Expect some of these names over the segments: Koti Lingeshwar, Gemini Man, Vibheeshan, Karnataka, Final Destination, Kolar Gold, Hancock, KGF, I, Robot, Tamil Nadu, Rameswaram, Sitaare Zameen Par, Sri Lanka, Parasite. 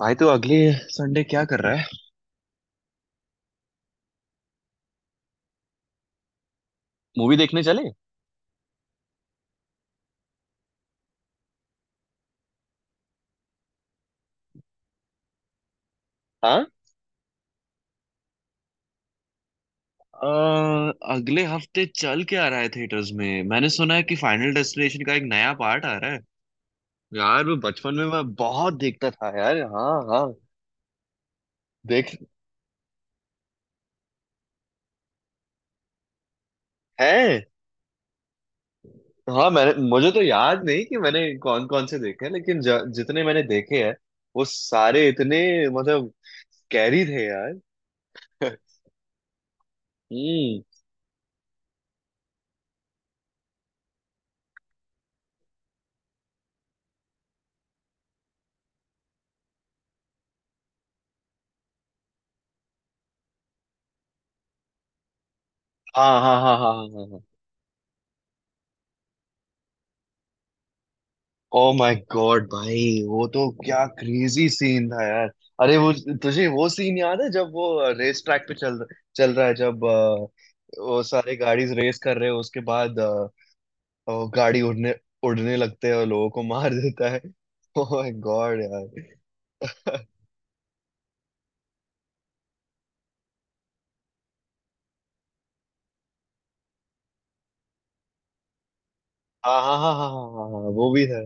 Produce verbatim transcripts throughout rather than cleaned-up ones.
भाई, तो अगले संडे क्या कर रहा है? मूवी देखने चले? हाँ। अ, अगले हफ्ते चल के आ रहा है थिएटर्स में, मैंने सुना है कि फाइनल डेस्टिनेशन का एक नया पार्ट आ रहा है। यार, मैं बचपन में मैं बहुत देखता था यार। हाँ, हाँ। देख। है। हाँ, मैंने मुझे तो याद नहीं कि मैंने कौन कौन से देखे हैं, लेकिन ज, जितने मैंने देखे हैं वो सारे इतने, मतलब, कैरी थे यार। हम्म। हाँ, हाँ, हाँ, हाँ, हाँ, हाँ, हाँ। ओ माय गॉड भाई। वो तो क्या क्रेजी सीन था यार। अरे वो, तुझे वो सीन याद है, जब वो रेस ट्रैक पे चल चल रहा है, जब अ, वो सारे गाड़ी रेस कर रहे हो, उसके बाद अ, वो गाड़ी उड़ने उड़ने लगते हैं और लोगों को मार देता है। ओ माय गॉड यार। हाँ, हाँ, हाँ, हाँ, हाँ, हाँ, हाँ, वो भी था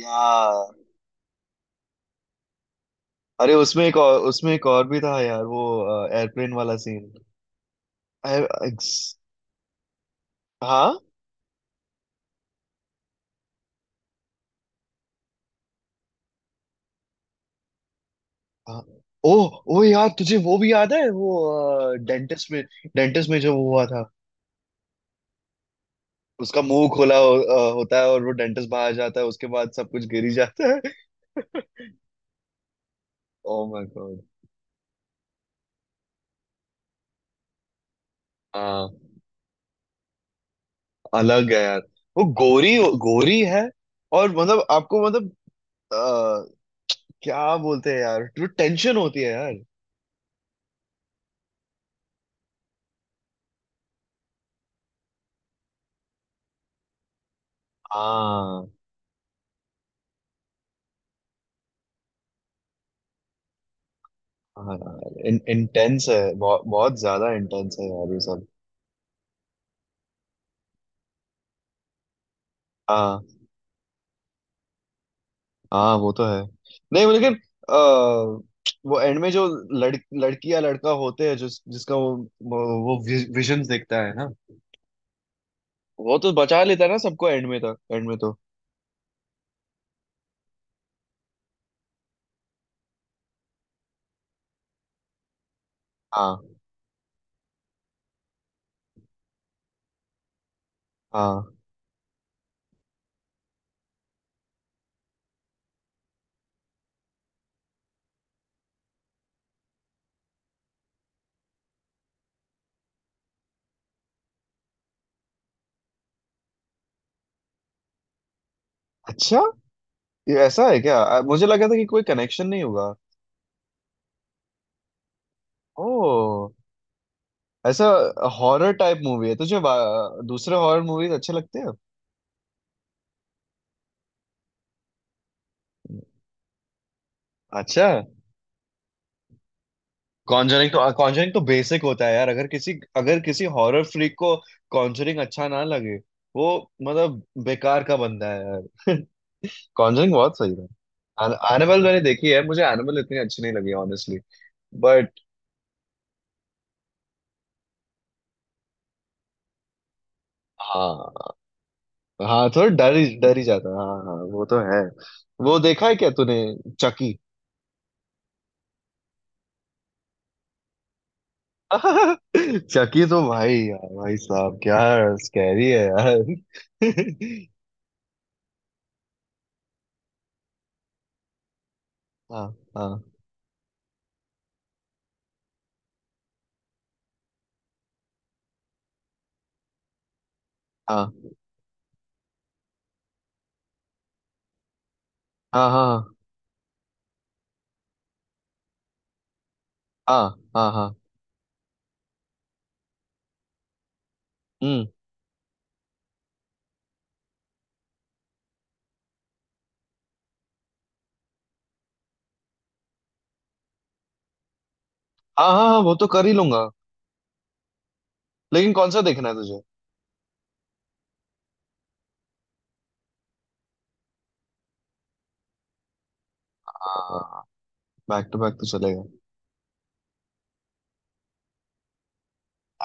यार। अरे, उसमें एक और उसमें एक और भी था यार, वो एयरप्लेन वाला सीन। हाँ। हाँ। ओ, ओ यार, तुझे वो भी याद है, वो डेंटिस्ट में डेंटिस्ट में जो हुआ था। उसका मुंह खोला हो, अ, होता है, और वो डेंटिस्ट बाहर जाता है, उसके बाद सब कुछ गिरी जाता है। ओ माय गॉड। हाँ। अलग है यार। वो गोरी गोरी है, और मतलब, आपको मतलब, अ, क्या बोलते हैं यार, जो टेंशन होती है यार। हाँ, हाँ। इंटेंस है, बहुत बहुत ज्यादा इंटेंस है यार, ये सब। हाँ। हाँ, वो तो है। नहीं वो, लेकिन अ, वो एंड में जो लड़ लड़की या लड़का होते हैं जो, जिसका वो वो विजन देखता है ना, वो तो बचा लेता है ना सबको, एंड में, तक एंड में तो। हाँ, हाँ। अच्छा, ये ऐसा है क्या? अ, मुझे लगा था कि कोई कनेक्शन नहीं होगा। ओ। ऐसा। हॉरर टाइप मूवी है, तुझे वा- दूसरे हॉरर मूवीज अच्छे लगते हैं? अच्छा। कॉन्जरिंग तो कॉन्जरिंग तो बेसिक होता है यार, अगर किसी अगर किसी हॉरर फ्रीक को कॉन्जरिंग अच्छा ना लगे वो, मतलब, बेकार का बंदा है यार। कॉन्जरिंग बहुत सही था। एनिमल मैंने देखी है, मुझे एनिमल इतनी अच्छी नहीं लगी ऑनेस्टली। बट हाँ, हाँ, थोड़ा डर ही डर ही जाता है। हाँ, हाँ, वो तो है। वो देखा है क्या तूने, चकी? चकी तो भाई यार, भाई साहब, क्या स्कैरी है यार। हाँ, हाँ, हाँ, हाँ, हाँ, हाँ, हाँ, हाँ, हाँ, हाँ, हाँ, हाँ, वो तो कर ही लूंगा। लेकिन कौन सा देखना है तुझे? हाँ, बैक टू बैक तो चलेगा।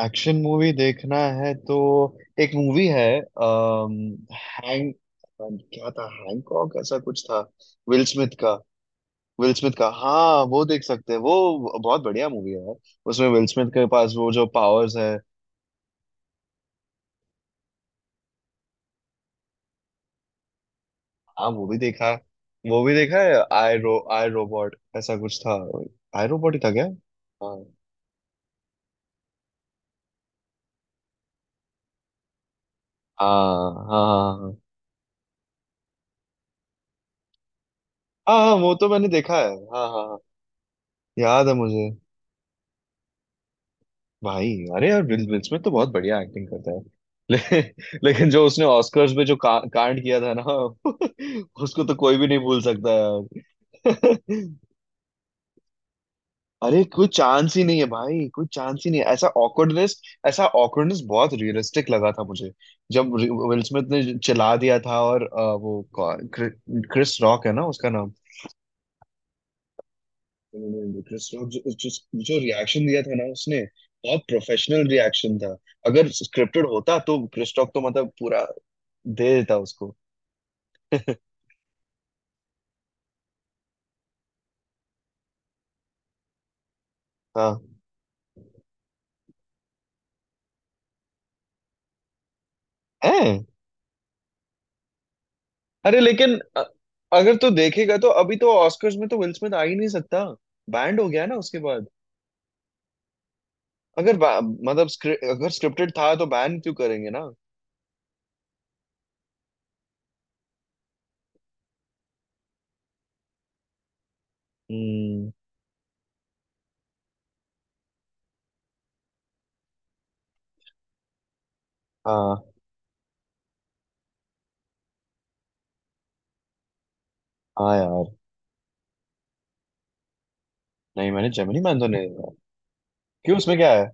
एक्शन मूवी देखना है तो एक मूवी है, अम, हैंग क्या था, हैंकॉक ऐसा कुछ था, विल स्मिथ का। विल स्मिथ का, हाँ, वो देख सकते हैं, वो बहुत बढ़िया मूवी है यार। उसमें विल स्मिथ के पास वो जो पावर्स है। हाँ, वो भी देखा है। वो भी देखा है। आई रो आई रोबोट ऐसा कुछ था, आई रोबोट ही था क्या? हाँ, हाँ, हाँ, हाँ, हाँ, हाँ, हाँ, वो तो मैंने देखा है, हाँ, हाँ, हाँ, याद है मुझे। भाई, अरे यार, विल विल स्मिथ तो बहुत बढ़िया एक्टिंग करता है। ले, लेकिन जो उसने ऑस्कर्स में जो का, कांड किया था ना, उसको तो कोई भी नहीं भूल सकता यार। अरे कोई चांस ही नहीं है भाई, कोई चांस ही नहीं है, ऐसा ऑकवर्डनेस, ऐसा ऑकवर्डनेस बहुत रियलिस्टिक लगा था मुझे। जब विल स्मिथ ने चिल्ला दिया था और अ, वो कौ- क्रि- क्रिस रॉक है ना उसका नाम, हम्म, क्रिस रॉक, जो जो जो रिएक्शन दिया था ना उसने, बहुत प्रोफेशनल रिएक्शन था। अगर स्क्रिप्टेड होता तो क्रिस रॉक तो, मतलब, पूरा दे देता उसको। हाँ। हैं? अरे, लेकिन अ- अगर तू देखेगा तो अभी तो ऑस्कर्स में तो विल स्मिथ आ ही नहीं सकता, बैंड हो गया ना उसके बाद। अगर बा- मतलब स्क्रि- अगर स्क्रिप्टेड था तो बैन क्यों करेंगे ना? हम्म, हाँ, हाँ यार। नहीं, मैंने जेमिनी मैन तो नहीं देखा। क्यों, उसमें क्या है?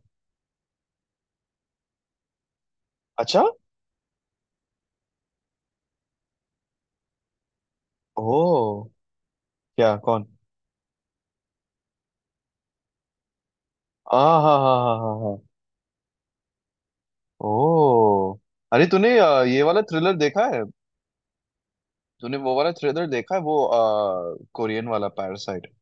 अच्छा। ओ। क्या? कौन? हाँ, हाँ, हाँ, हाँ, हाँ, हाँ। ओह, अरे तूने अ, ये वाला थ्रिलर देखा है? तूने वो वाला थ्रिलर देखा है, वो अ, कोरियन वाला, पैरासाइट?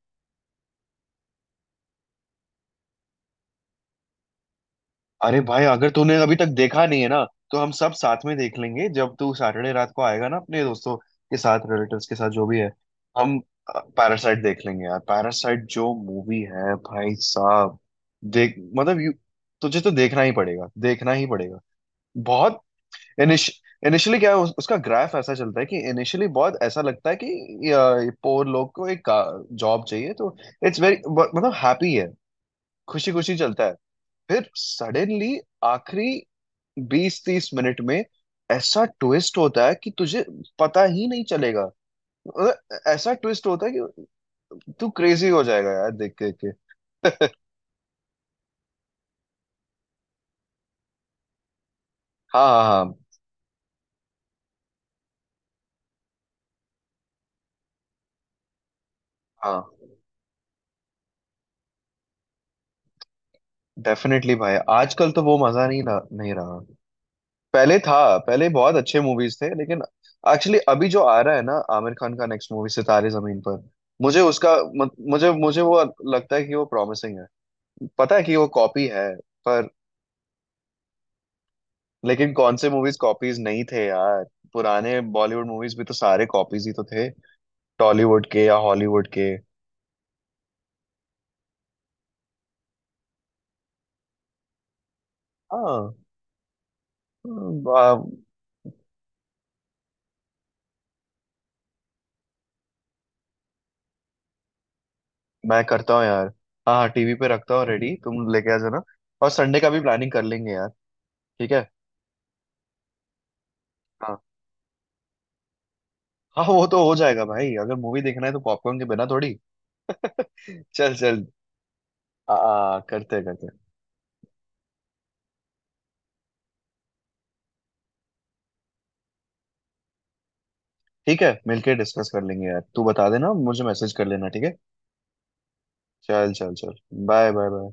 अरे भाई, अगर तूने अभी तक देखा नहीं है ना, तो हम सब साथ में देख लेंगे जब तू सैटरडे रात को आएगा ना अपने दोस्तों के साथ, रिलेटिव्स के साथ, जो भी है। हम पैरासाइट देख लेंगे यार। पैरासाइट जो मूवी है भाई साहब, देख, मतलब, यू, तुझे तो देखना ही पड़ेगा, देखना ही पड़ेगा, बहुत। इनिशियली क्या है, उस, उसका ग्राफ ऐसा चलता है कि इनिशियली बहुत ऐसा लगता है कि ये पोर लोग को एक जॉब चाहिए तो इट्स वेरी, मतलब, हैप्पी है, खुशी खुशी चलता है। फिर सडनली आखिरी बीस तीस मिनट में ऐसा ट्विस्ट होता है कि तुझे पता ही नहीं चलेगा। मतलब ऐसा ट्विस्ट होता है कि तू क्रेजी हो जाएगा यार देख के के। हाँ, हाँ, हाँ, हाँ, डेफिनेटली भाई, आजकल तो वो मजा नहीं रहा, नहीं रहा। पहले था, पहले बहुत अच्छे मूवीज थे लेकिन एक्चुअली अभी जो आ रहा है ना, आमिर खान का नेक्स्ट मूवी, सितारे जमीन पर, मुझे उसका, मत- मुझे मुझे वो लगता है कि वो प्रॉमिसिंग है। पता है कि वो कॉपी है, पर लेकिन कौन से मूवीज कॉपीज नहीं थे यार? पुराने बॉलीवुड मूवीज भी तो सारे कॉपीज ही तो थे, टॉलीवुड के या हॉलीवुड के। हाँ। आ, मैं करता हूँ यार। हाँ, हाँ, टीवी पे रखता हूँ रेडी, तुम लेके आ जाना। और संडे का भी प्लानिंग कर लेंगे यार। ठीक है। हाँ, वो तो हो जाएगा भाई, अगर मूवी देखना है तो पॉपकॉर्न के बिना थोड़ी। चल चल। आ, आ, करते करते। ठीक है, मिलके डिस्कस कर लेंगे यार, तू बता देना, मुझे मैसेज कर लेना, ठीक है। चल चल चल। Bye bye bye.